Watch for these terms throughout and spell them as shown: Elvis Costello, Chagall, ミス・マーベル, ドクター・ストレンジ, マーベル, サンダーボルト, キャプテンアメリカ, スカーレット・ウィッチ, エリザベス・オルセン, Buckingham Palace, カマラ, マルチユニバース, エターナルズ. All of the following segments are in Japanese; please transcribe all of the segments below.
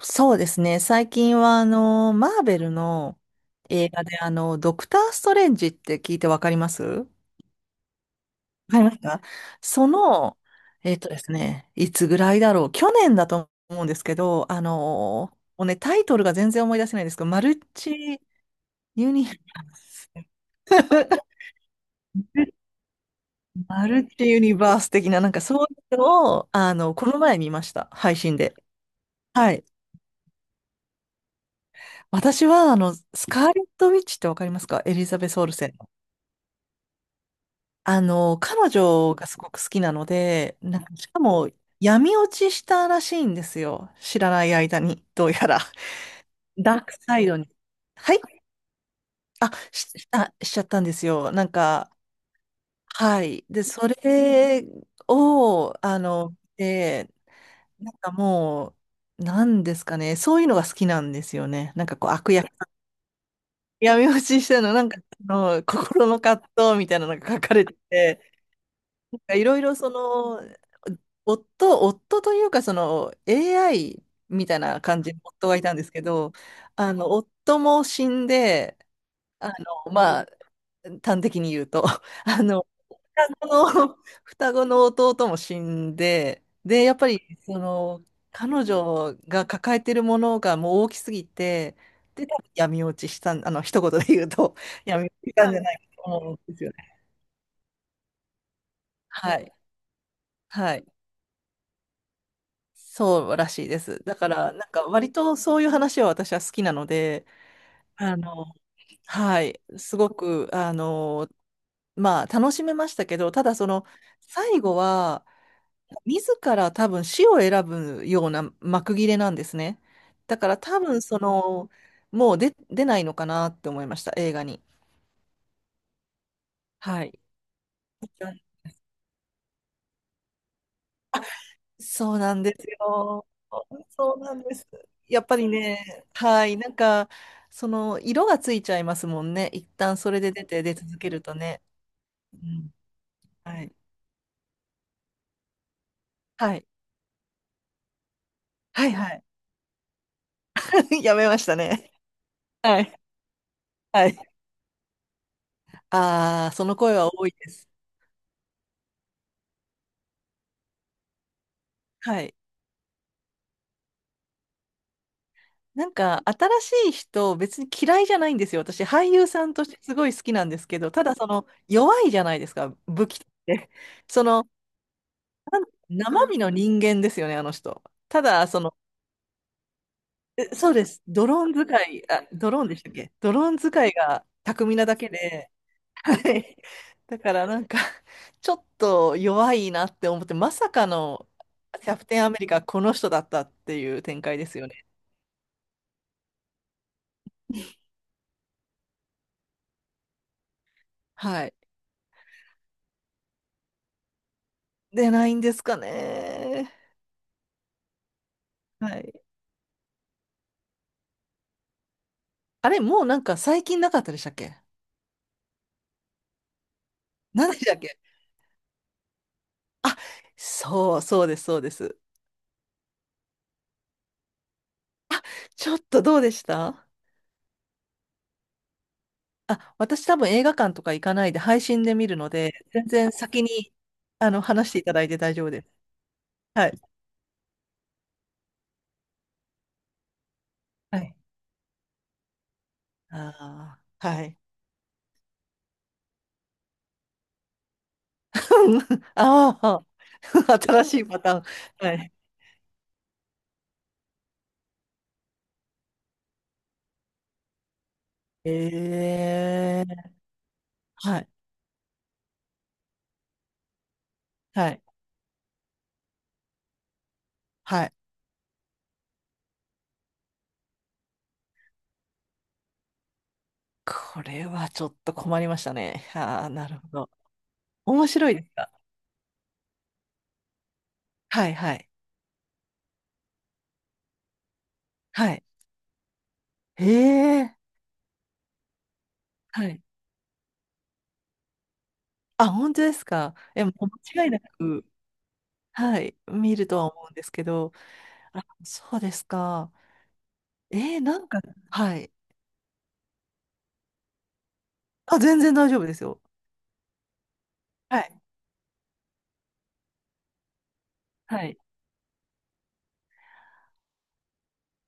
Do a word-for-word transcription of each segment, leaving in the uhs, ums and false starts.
そうですね。最近は、あの、マーベルの映画で、あの、ドクター・ストレンジって聞いてわかりますわかりますかその、えっとですね、いつぐらいだろう。去年だと思うんですけど、あの、もうね、タイトルが全然思い出せないんですけど、マルチユニバース、マルチユニバース的な、なんかそういうのを、あの、この前見ました。配信で。はい。私は、あの、スカーレット・ウィッチってわかりますか？エリザベス・オルセン。あの、彼女がすごく好きなので、なんか、しかも、闇落ちしたらしいんですよ。知らない間に、どうやら。ダークサイドに。はい。あ、し、あ、しちゃったんですよ。なんか、はい。で、それを、あの、で、なんかもう、なんですかね。そういうのが好きなんですよね。なんかこう、悪役。闇落ちしたの、なんか、あの、心の葛藤みたいなのが書かれてて、いろいろその、夫、夫というかその エーアイ みたいな感じの夫がいたんですけど、あの、夫も死んで、あの、まあ、端的に言うと、あの、双子の、双子の弟も死んで、で、やっぱり、その、彼女が抱えてるものがもう大きすぎて、で、多分闇落ちしたん、あの、一言で言うと、闇落ちしたんじゃないかと思うんですよね。はい。はい。そうらしいです。だから、なんか割とそういう話は私は好きなので、あの、はい、すごく、あの、まあ楽しめましたけど、ただその、最後は、自ら多分死を選ぶような幕切れなんですね。だから多分その、もう出、出ないのかなって思いました、映画に。はい。そうなんですよ。そうなんです。やっぱりね、はい、なんか、その、色がついちゃいますもんね。一旦それで出て、出続けるとね。うん、はい。はい。はい、はい。やめましたね。はい。はい。ああ、その声は多いです。はい。なんか、新しい人、別に嫌いじゃないんですよ。私、俳優さんとしてすごい好きなんですけど、ただ、その、弱いじゃないですか、武器って。その、生身の人間ですよね、あの人。ただ、その、えそうです。ドローン使い、あ、ドローンでしたっけ？ドローン使いが巧みなだけで、はい。だからなんか、ちょっと弱いなって思って、まさかのキャプテンアメリカ、この人だったっていう展開ですよね。はい。で、ないんですかね。はい。あれ、もうなんか最近なかったでしたっけ？何でしたっけ？あ、そう、そうです、そうです。ちょっとどうでした？あ、私多分映画館とか行かないで配信で見るので、全然先に、あの、話していただいて大丈夫です。はい。はい。ああ、はい。ああ、新しいパターン。はい。ええ、はい、はい、はい。これはちょっと困りましたね。ああ、なるほど。面白いですか？はい、はい、はい。ええ、はい。あ、本当ですか？え、もう間違いなく、はい、見るとは思うんですけど、あ、そうですか。えー、なんか、はい。あ、全然大丈夫ですよ。はい、はい。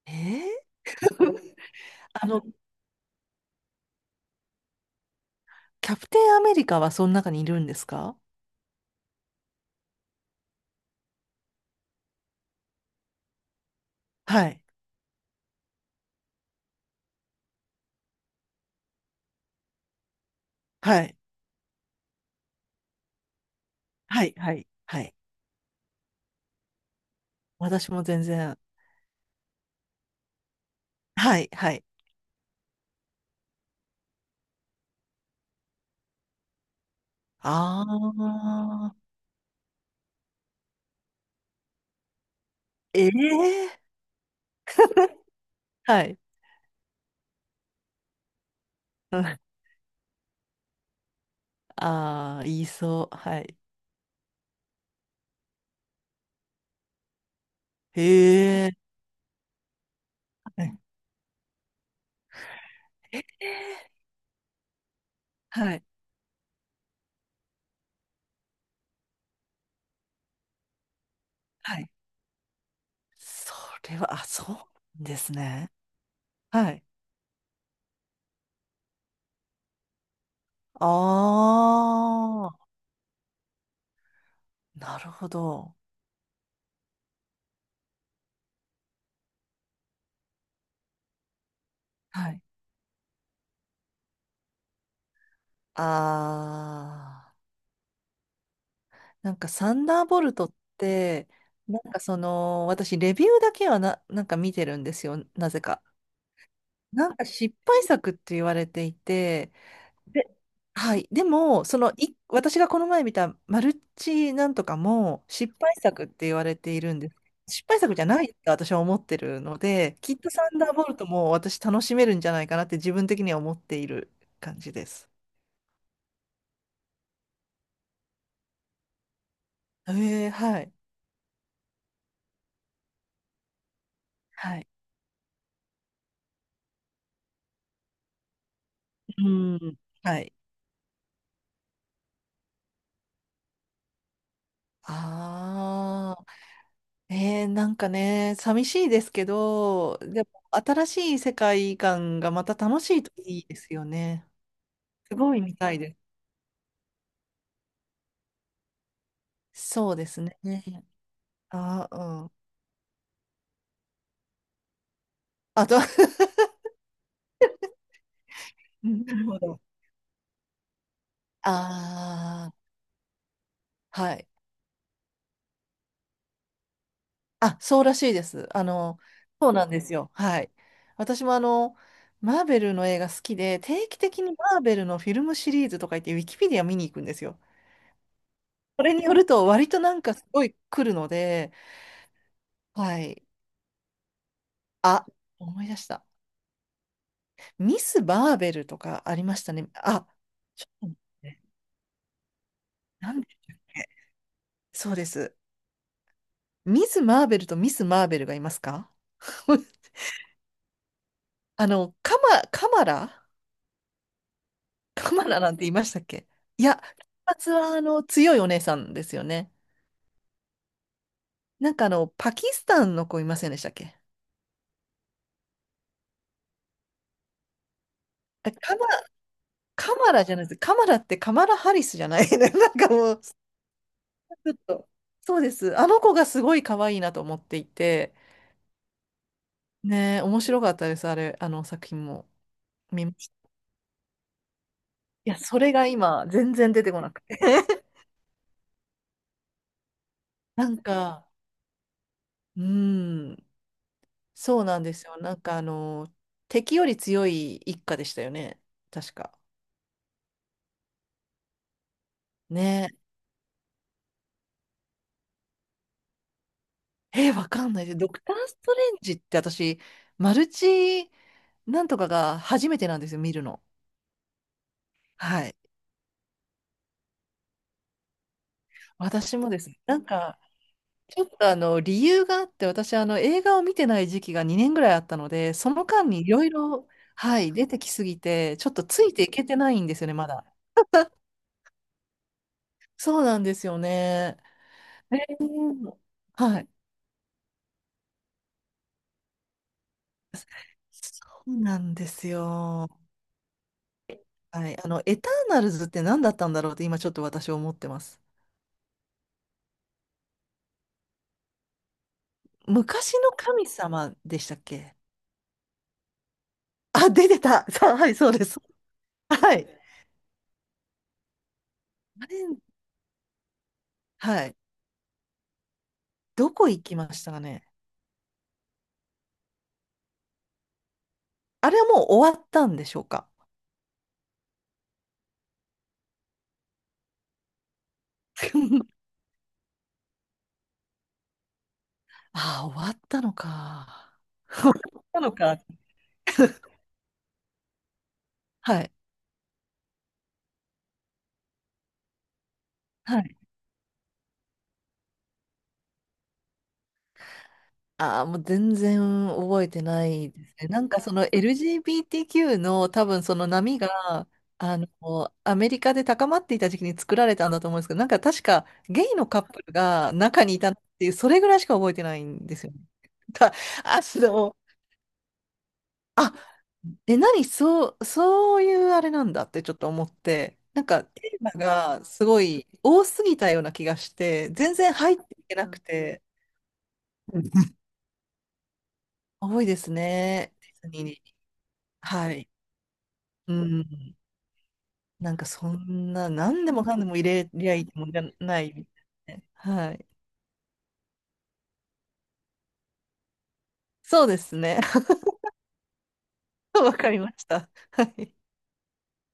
えー、あの、キャプテンアメリカはその中にいるんですか？はい、はい、はい、はい、はい。私も全然。はい、はい。ああ、ええー、 はい。ああー、言いそう。はい。へえ。はい、えー、はい、はい。それは、あ、そうですね。はい、ああ、なるほど。はい、ああ。なんかサンダーボルトって、なんかその、私レビューだけはな、なんか見てるんですよ、なぜか。なんか失敗作って言われていて、で、はい。でも、その、い、私がこの前見たマルチなんとかも失敗作って言われているんです。失敗作じゃないって私は思ってるので、きっとサンダーボルトも私楽しめるんじゃないかなって自分的には思っている感じです。ええ、はい。はい。うん。はい。ああ。えー、なんかね、寂しいですけど、でも新しい世界観がまた楽しいといいですよね。すごい見たいです。そうですね。あ、うん。あと なるほど。ああ、はい。あ、そうらしいです。あの、そうなんですよ。はい。私もあの、マーベルの映画好きで、定期的にマーベルのフィルムシリーズとか言って、ウィキペディア見に行くんですよ。それによると、割となんかすごい来るので、はい。あ、思い出した。ミス・バーベルとかありましたね。あ、ちょっと待って、何でしたっけ？そうです。ミス・マーベルとミス・マーベルがいますか？ あの、カマ、カマラ、カマラなんて言いましたっけ？いや、金髪はあの、強いお姉さんですよね。なんかあの、パキスタンの子いませんでしたっけ？あカマ、カマラじゃないです。カマラってカマラ・ハリスじゃない、 なんかもう、ちょっと、そうです。あの子がすごい可愛いなと思っていて、ねえ、面白かったです、あれ、あの作品も見ました。いや、それが今、全然出てこなくて。なんか、うん、そうなんですよ。なんか、あの、敵より強い一家でしたよね、確か。ねえ、えーわかんないです。ドクター・ストレンジって私、マルチなんとかが初めてなんですよ、見るの。はい。私もです。なんか、ちょっとあの理由があって私あの映画を見てない時期がにねんぐらいあったので、その間にいろいろ、はい、出てきすぎてちょっとついていけてないんですよね、まだ。そうなんですよね。うん、はい。そうなんですよ。はい。あのエターナルズって何だったんだろうって今ちょっと私思ってます。昔の神様でしたっけ？あ、出てたさ、はい、そうです。はい。あれ、はい、どこ行きましたかね。あれはもう終わったんでしょうか？ ああ、終わったのか。終わったのか。はい。はい。ああ、もう全然覚えてないですね。なんかその エルジービーティーキュー の多分その波が、あの、アメリカで高まっていた時期に作られたんだと思うんですけど、なんか確かゲイのカップルが中にいたっていう、それぐらいしか覚えてないんですよね。た、あの、あ、え、何、そう、そういうあれなんだってちょっと思って、なんかテーマがすごい多すぎたような気がして、全然入っていけなくて、うん、 多いですね、ディズニーに。はい。うん。なんかそんな、何でもかんでも入れりゃいいもんじゃないみたいなね。はい。そうですね。わかりました。はい。